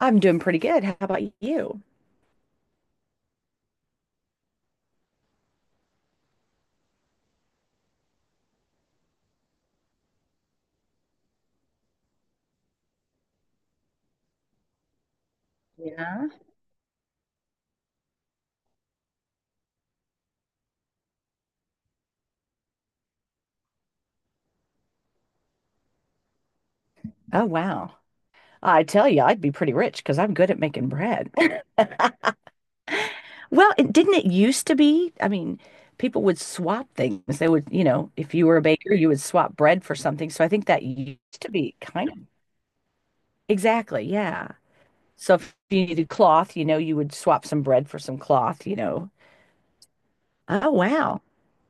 I'm doing pretty good. How about you? Yeah. Oh, wow. I tell you, I'd be pretty rich because I'm good at making bread. Well, it, didn't it used to be? I mean, people would swap things. They would, if you were a baker, you would swap bread for something. So I think that used to be kind of. Exactly, yeah. So if you needed cloth, you would swap some bread for some cloth. Oh, wow.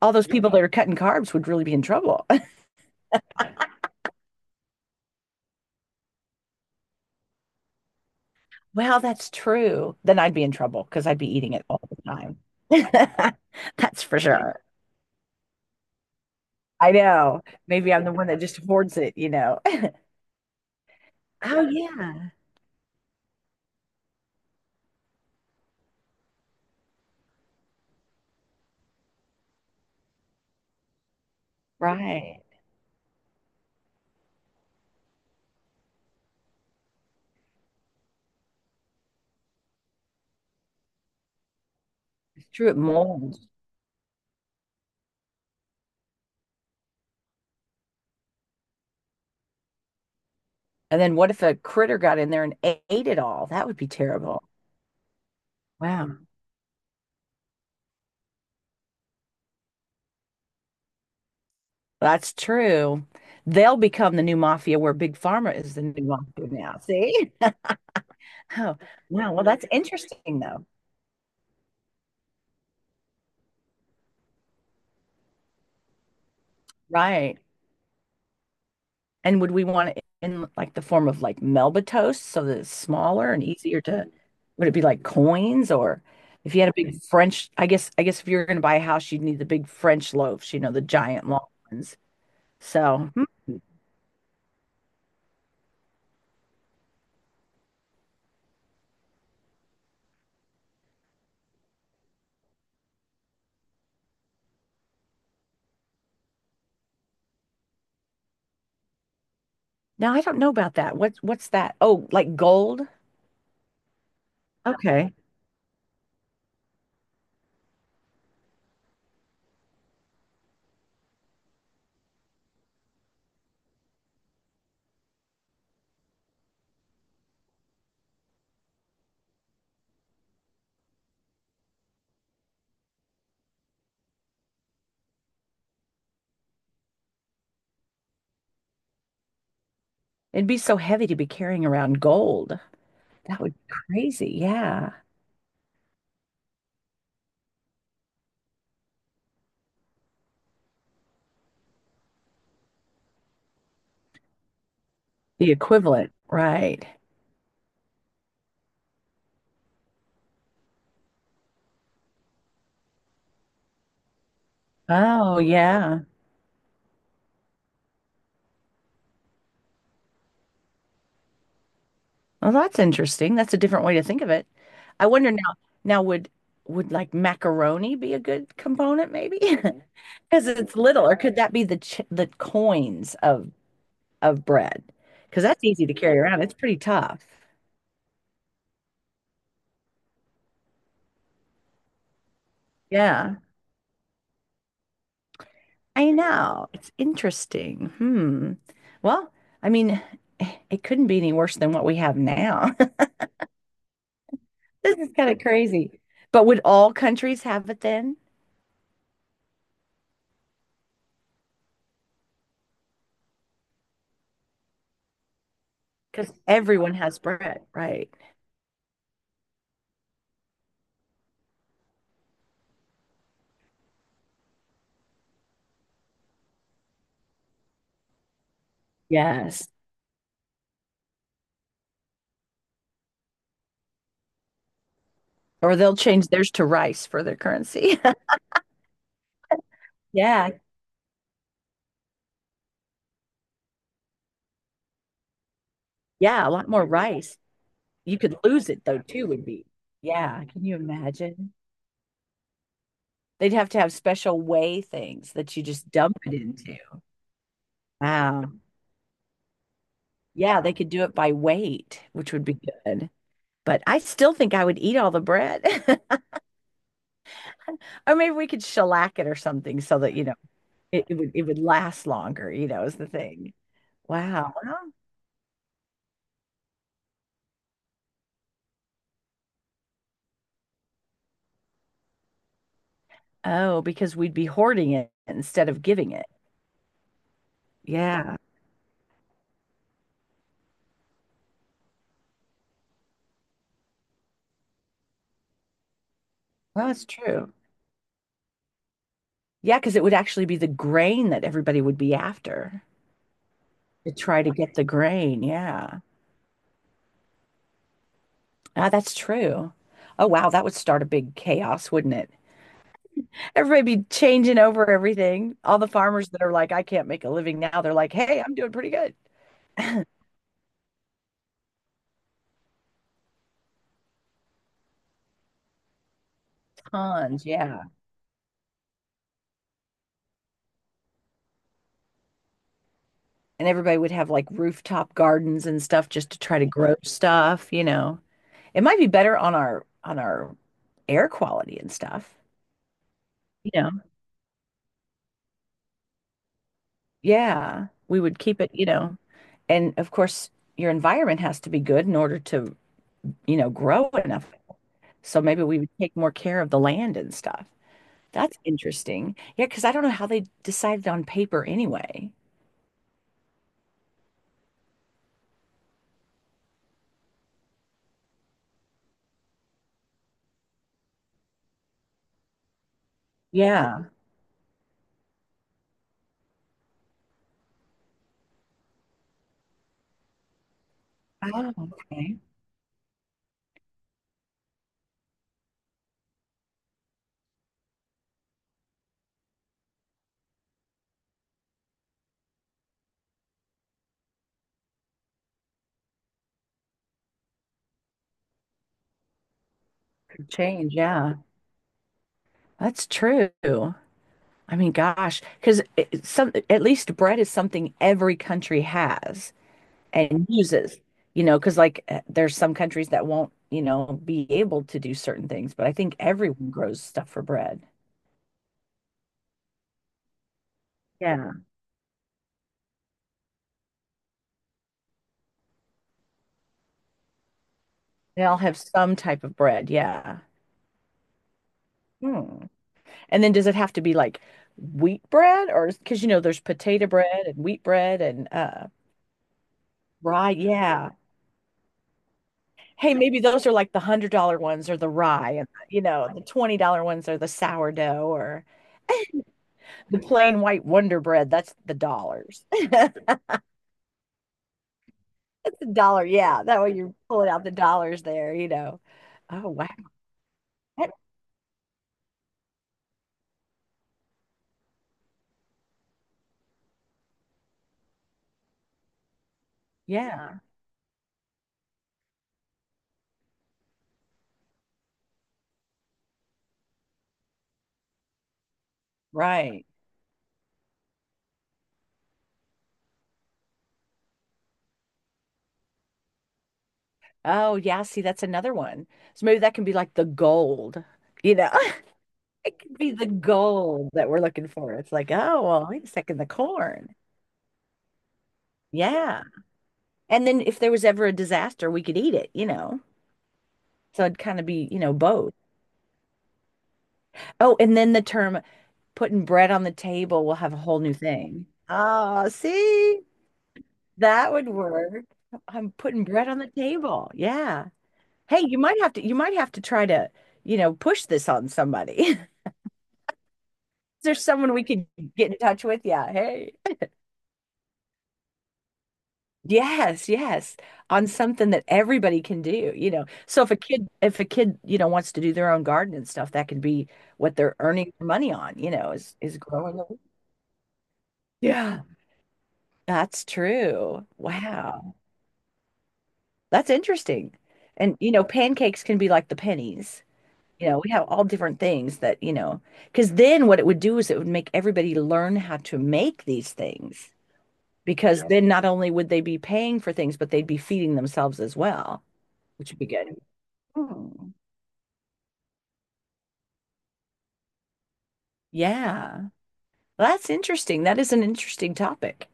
All those, yeah, people that are cutting carbs would really be in trouble. Well, that's true. Then I'd be in trouble because I'd be eating it all the time. That's for sure. I know. Maybe I'm the one that just hoards it. Oh, yeah. Right. It's true. It molds. And then what if a critter got in there and ate it all? That would be terrible. Wow. That's true. They'll become the new mafia where Big Pharma is the new mafia now. See? Oh, wow. Well, that's interesting, though. Right. And would we want it in like the form of like Melba toast so that it's smaller and easier to, would it be like coins? Or if you had a big French, I guess if you're going to buy a house, you'd need the big French loaves, the giant long ones. So now I don't know about that. What's that? Oh, like gold? Okay. It'd be so heavy to be carrying around gold. That would be crazy. Yeah. The equivalent, right? Oh, yeah. Well, that's interesting. That's a different way to think of it. I wonder now would like macaroni be a good component maybe? Because it's little, or could that be the coins of bread? Because that's easy to carry around. It's pretty tough. Yeah, I know. It's interesting. Hmm. Well, I mean, it couldn't be any worse than what we have now. This is kind of crazy. But would all countries have it then? Because everyone has bread, right? Yes. Or they'll change theirs to rice for their currency. Yeah. Yeah. A lot more rice. You could lose it though, too, would be. Yeah. Can you imagine? They'd have to have special weigh things that you just dump it into. Wow. Yeah. They could do it by weight, which would be good. But I still think I would eat all the bread. Or maybe we could shellac it or something so that, it would last longer, is the thing. Wow. Well, oh, because we'd be hoarding it instead of giving it. Yeah. Well, that's true. Yeah, because it would actually be the grain that everybody would be after to try to get the grain. Yeah. Ah, that's true. Oh, wow. That would start a big chaos, wouldn't it? Everybody be changing over everything. All the farmers that are like, I can't make a living now, they're like, hey, I'm doing pretty good. Tons. Yeah. And everybody would have like rooftop gardens and stuff just to try to grow stuff. It might be better on our air quality and stuff. You know. Yeah, we would keep it. And of course, your environment has to be good in order to, grow enough. So maybe we would take more care of the land and stuff. That's interesting. Yeah, because I don't know how they decided on paper anyway. Yeah. Oh, okay. Could change. Yeah, that's true. I mean, gosh, because some at least bread is something every country has and uses, because like there's some countries that won't, be able to do certain things, but I think everyone grows stuff for bread. Yeah. They all have some type of bread. Yeah. Hmm. And then does it have to be like wheat bread? Or because there's potato bread and wheat bread and rye, yeah. Hey, maybe those are like the $100 ones or the rye, and the $20 ones are the sourdough or the plain white Wonder Bread. That's the dollars. Dollar, yeah. That way you're pulling out the dollars there. Oh, wow. That- yeah, right. Oh, yeah. See, that's another one. So maybe that can be like the gold, you know. It could be the gold that we're looking for. It's like, oh, well, wait a second, the corn. Yeah. And then if there was ever a disaster, we could eat it. So it'd kind of be, both. Oh, and then the term putting bread on the table will have a whole new thing. Oh, see? That would work. I'm putting bread on the table. Yeah. Hey, you might have to try to, push this on somebody. Is there someone we could get in touch with? Yeah. Hey. Yes, yes. On something that everybody can do. So if a kid, wants to do their own garden and stuff, that could be what they're earning their money on, is growing. Yeah. That's true. Wow. That's interesting. And pancakes can be like the pennies. We have all different things that, because then what it would do is it would make everybody learn how to make these things. Because, yeah, then not only would they be paying for things, but they'd be feeding themselves as well, which would be good. Hmm. Yeah. Well, that's interesting. That is an interesting topic.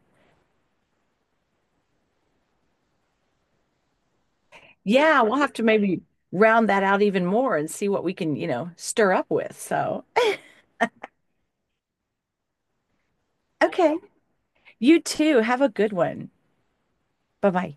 Yeah, we'll have to maybe round that out even more and see what we can, stir up with. So, okay. You too. Have a good one. Bye-bye.